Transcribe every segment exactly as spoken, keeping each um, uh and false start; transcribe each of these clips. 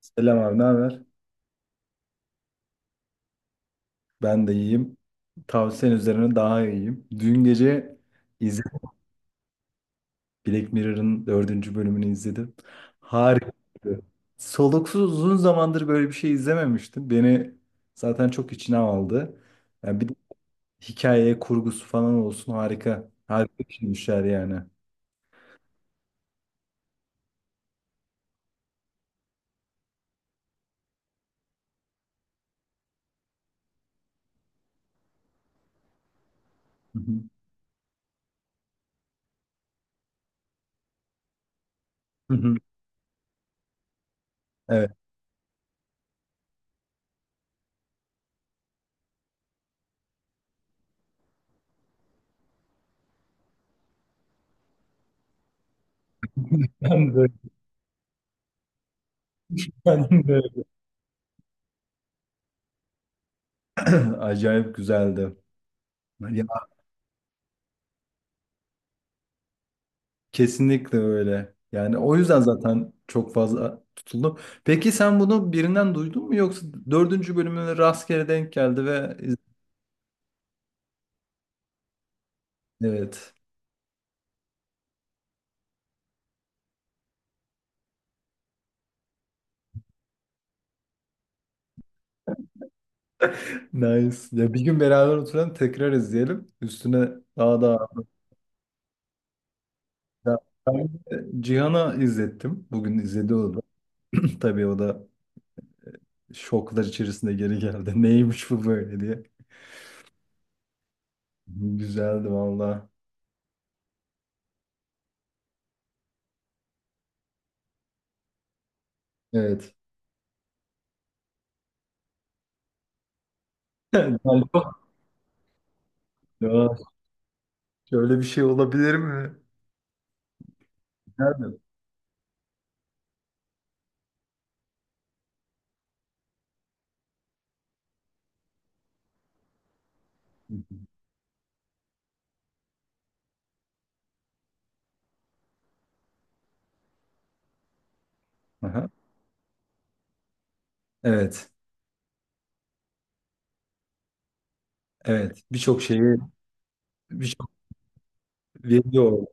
Selam abi, ne haber? Ben de iyiyim. Tavsiyen üzerine daha iyiyim. Dün gece izledim. Black Mirror'ın dördüncü bölümünü izledim. Harika. Soluksuz uzun zamandır böyle bir şey izlememiştim. Beni zaten çok içine aldı. Yani bir de hikaye kurgusu falan olsun harika. Harika bir şeymişler yani. Hı hı. Hı hı. Evet. Ben de. Ben de. Acayip güzeldi. Ya kesinlikle öyle. Yani o yüzden zaten çok fazla tutuldu. Peki sen bunu birinden duydun mu yoksa dördüncü bölümüne rastgele denk geldi ve iz- evet. Nice. Ya bir gün beraber oturalım tekrar izleyelim. Üstüne daha daha. Ya ben de Cihan'a izlettim. Bugün izledi o da. Tabii o da şoklar içerisinde geri geldi. Neymiş bu böyle diye. Güzeldi valla. Evet. Yani çok- ya, şöyle bir şey olabilir mi? Güzeldi. Aha. Evet, evet. Birçok şeyi, birçok veriyi o.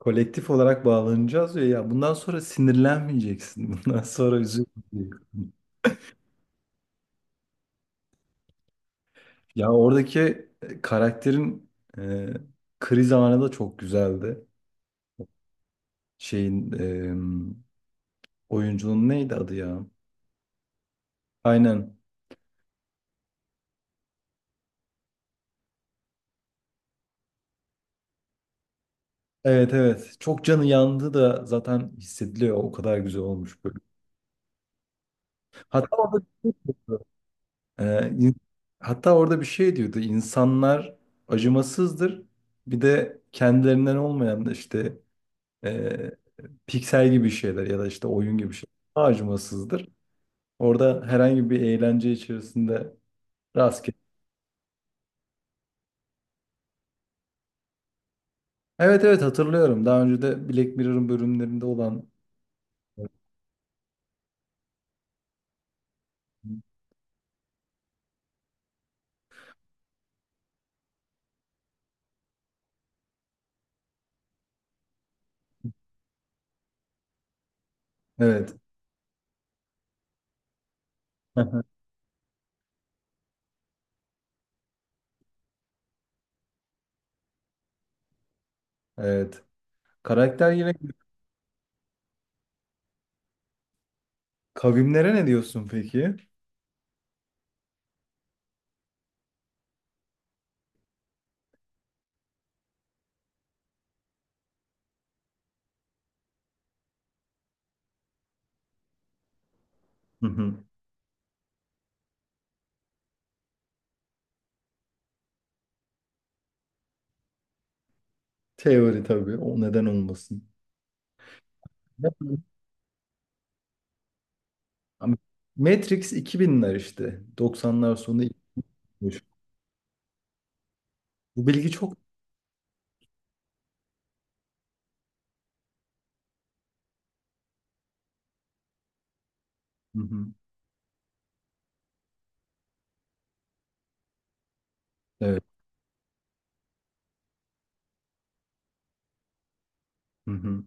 Kolektif olarak bağlanacağız ya. Ya bundan sonra sinirlenmeyeceksin. Bundan sonra üzülmeyeceksin. Ya oradaki e, karakterin e, kriz anı da çok güzeldi. Şeyin e, oyuncunun neydi adı ya? Aynen. Evet evet. Çok canı yandı da zaten hissediliyor. O kadar güzel olmuş böyle. Hatta orada Ee, in- hatta orada bir şey diyordu. İnsanlar acımasızdır. Bir de kendilerinden olmayan da işte e, piksel gibi şeyler ya da işte oyun gibi şeyler daha acımasızdır. Orada herhangi bir eğlence içerisinde rastgele. Evet evet hatırlıyorum. Daha önce de Black Mirror'ın bölümlerinde olan. Evet. Evet. Karakter yine kavimlere ne diyorsun peki? Hı hı. Teori tabii. O neden olmasın? Ama Matrix iki binler işte. doksanlar sonu ilkmiş. Bu bilgi çok... Hı hı. Evet. Hı hı.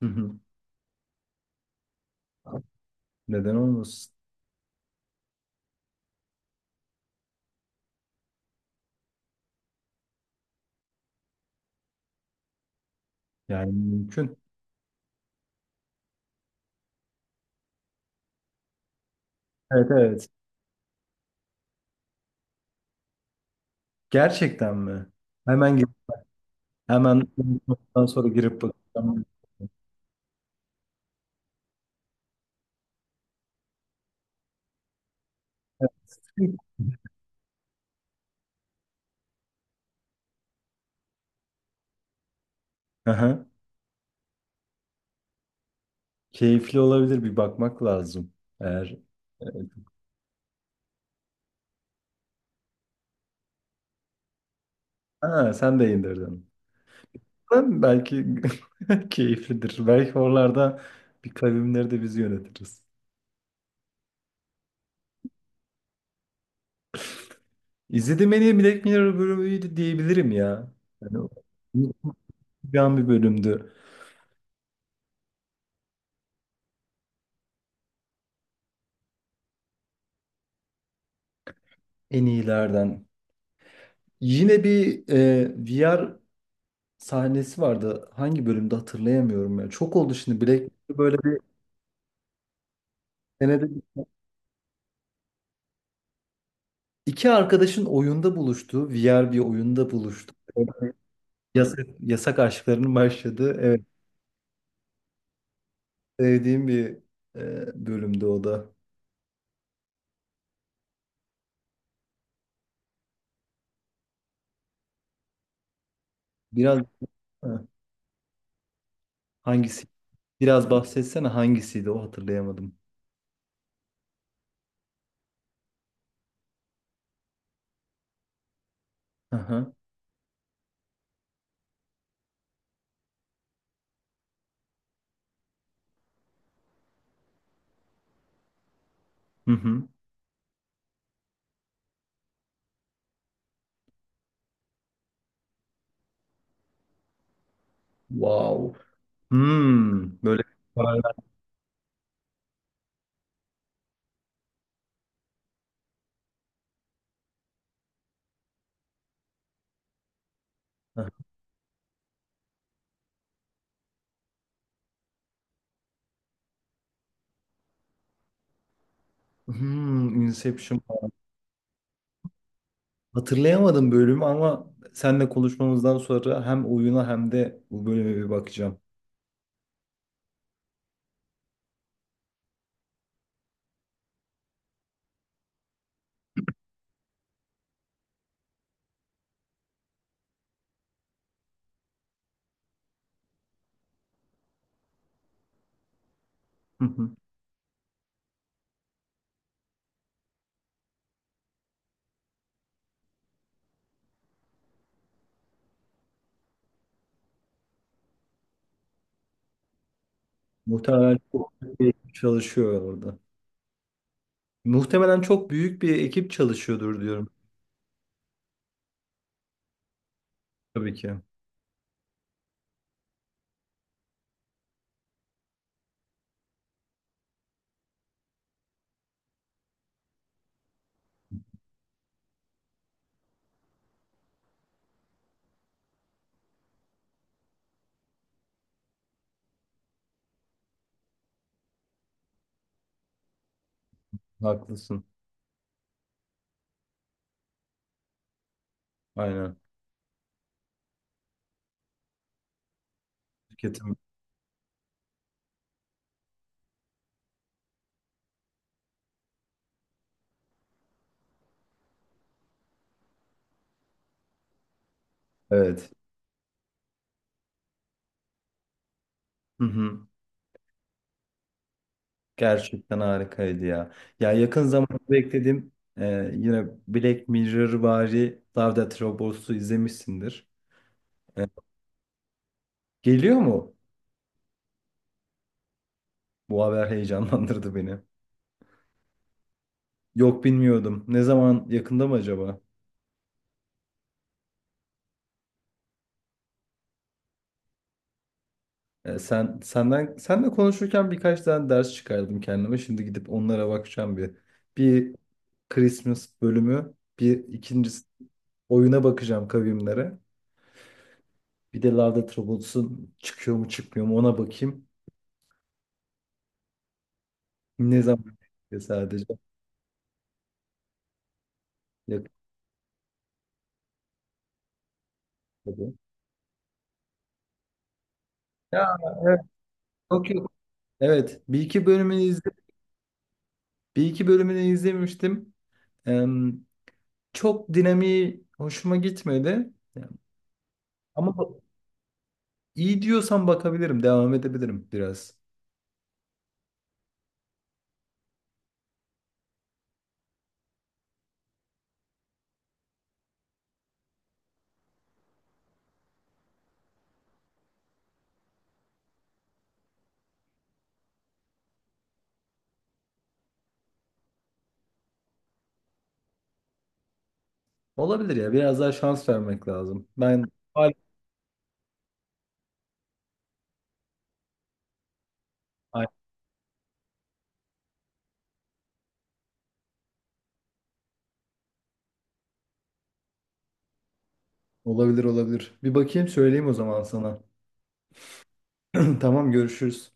Hı hı. Neden olmasın? Yani mümkün. Evet evet. Gerçekten mi? Hemen gir- hemen ondan sonra girip bakacağım. Aha. Keyifli olabilir bir bakmak lazım. Eğer evet. Ha, sen de indirdin. Ben belki keyiflidir. Belki oralarda bir kavimleri de biz yönetiriz. İzlediğim en iyi Black Mirror bölümüydü diyebilirim ya. Yani o- unutulmayan bir bölümdü. En iyilerden. Yine bir e, V R sahnesi vardı. Hangi bölümde hatırlayamıyorum ya. Çok oldu şimdi Black Mirror böyle bir senede İki arkadaşın oyunda buluştuğu, V R bir oyunda buluştu. Yasak, yasak aşklarının başladığı. Evet, sevdiğim bir e, bölümdü o da. Biraz ha, hangisi? Biraz bahsetsene hangisiydi o hatırlayamadım. Aha. Hı hı. Wow. Hmm, böyle paralel. Hmm, Inception. Hatırlayamadım bölümü ama seninle konuşmamızdan sonra hem oyuna hem de bu bölüme bir bakacağım. Hı hı. Muhtemelen çok büyük bir ekip çalışıyor orada. Muhtemelen çok büyük bir ekip çalışıyordur diyorum. Tabii ki. Haklısın. Aynen. Şirketim. Evet. Hı hı. Gerçekten harikaydı ya. Ya yakın zamanda beklediğim e, yine Black Mirror vari Love Death Robots'u izlemişsindir. E, Geliyor mu? Bu haber heyecanlandırdı beni. Yok bilmiyordum. Ne zaman yakında mı acaba? E, sen senden senle konuşurken birkaç tane ders çıkardım kendime. Şimdi gidip onlara bakacağım bir. Bir Christmas bölümü, bir ikincisi oyuna bakacağım kavimlere. Bir de Love Death Robots'un çıkıyor mu çıkmıyor mu ona bakayım. Ne zaman çıkıyor sadece yakında. Ya evet. Yok yok. Evet, bir iki bölümünü izle bir iki bölümünü izlemiştim. Em, Çok dinamiği hoşuma gitmedi. Yani Ama bu- iyi diyorsan bakabilirim, devam edebilirim biraz. Olabilir ya, biraz daha şans vermek lazım. Ben Ay- Olabilir olabilir. Bir bakayım söyleyeyim o zaman sana. Tamam görüşürüz.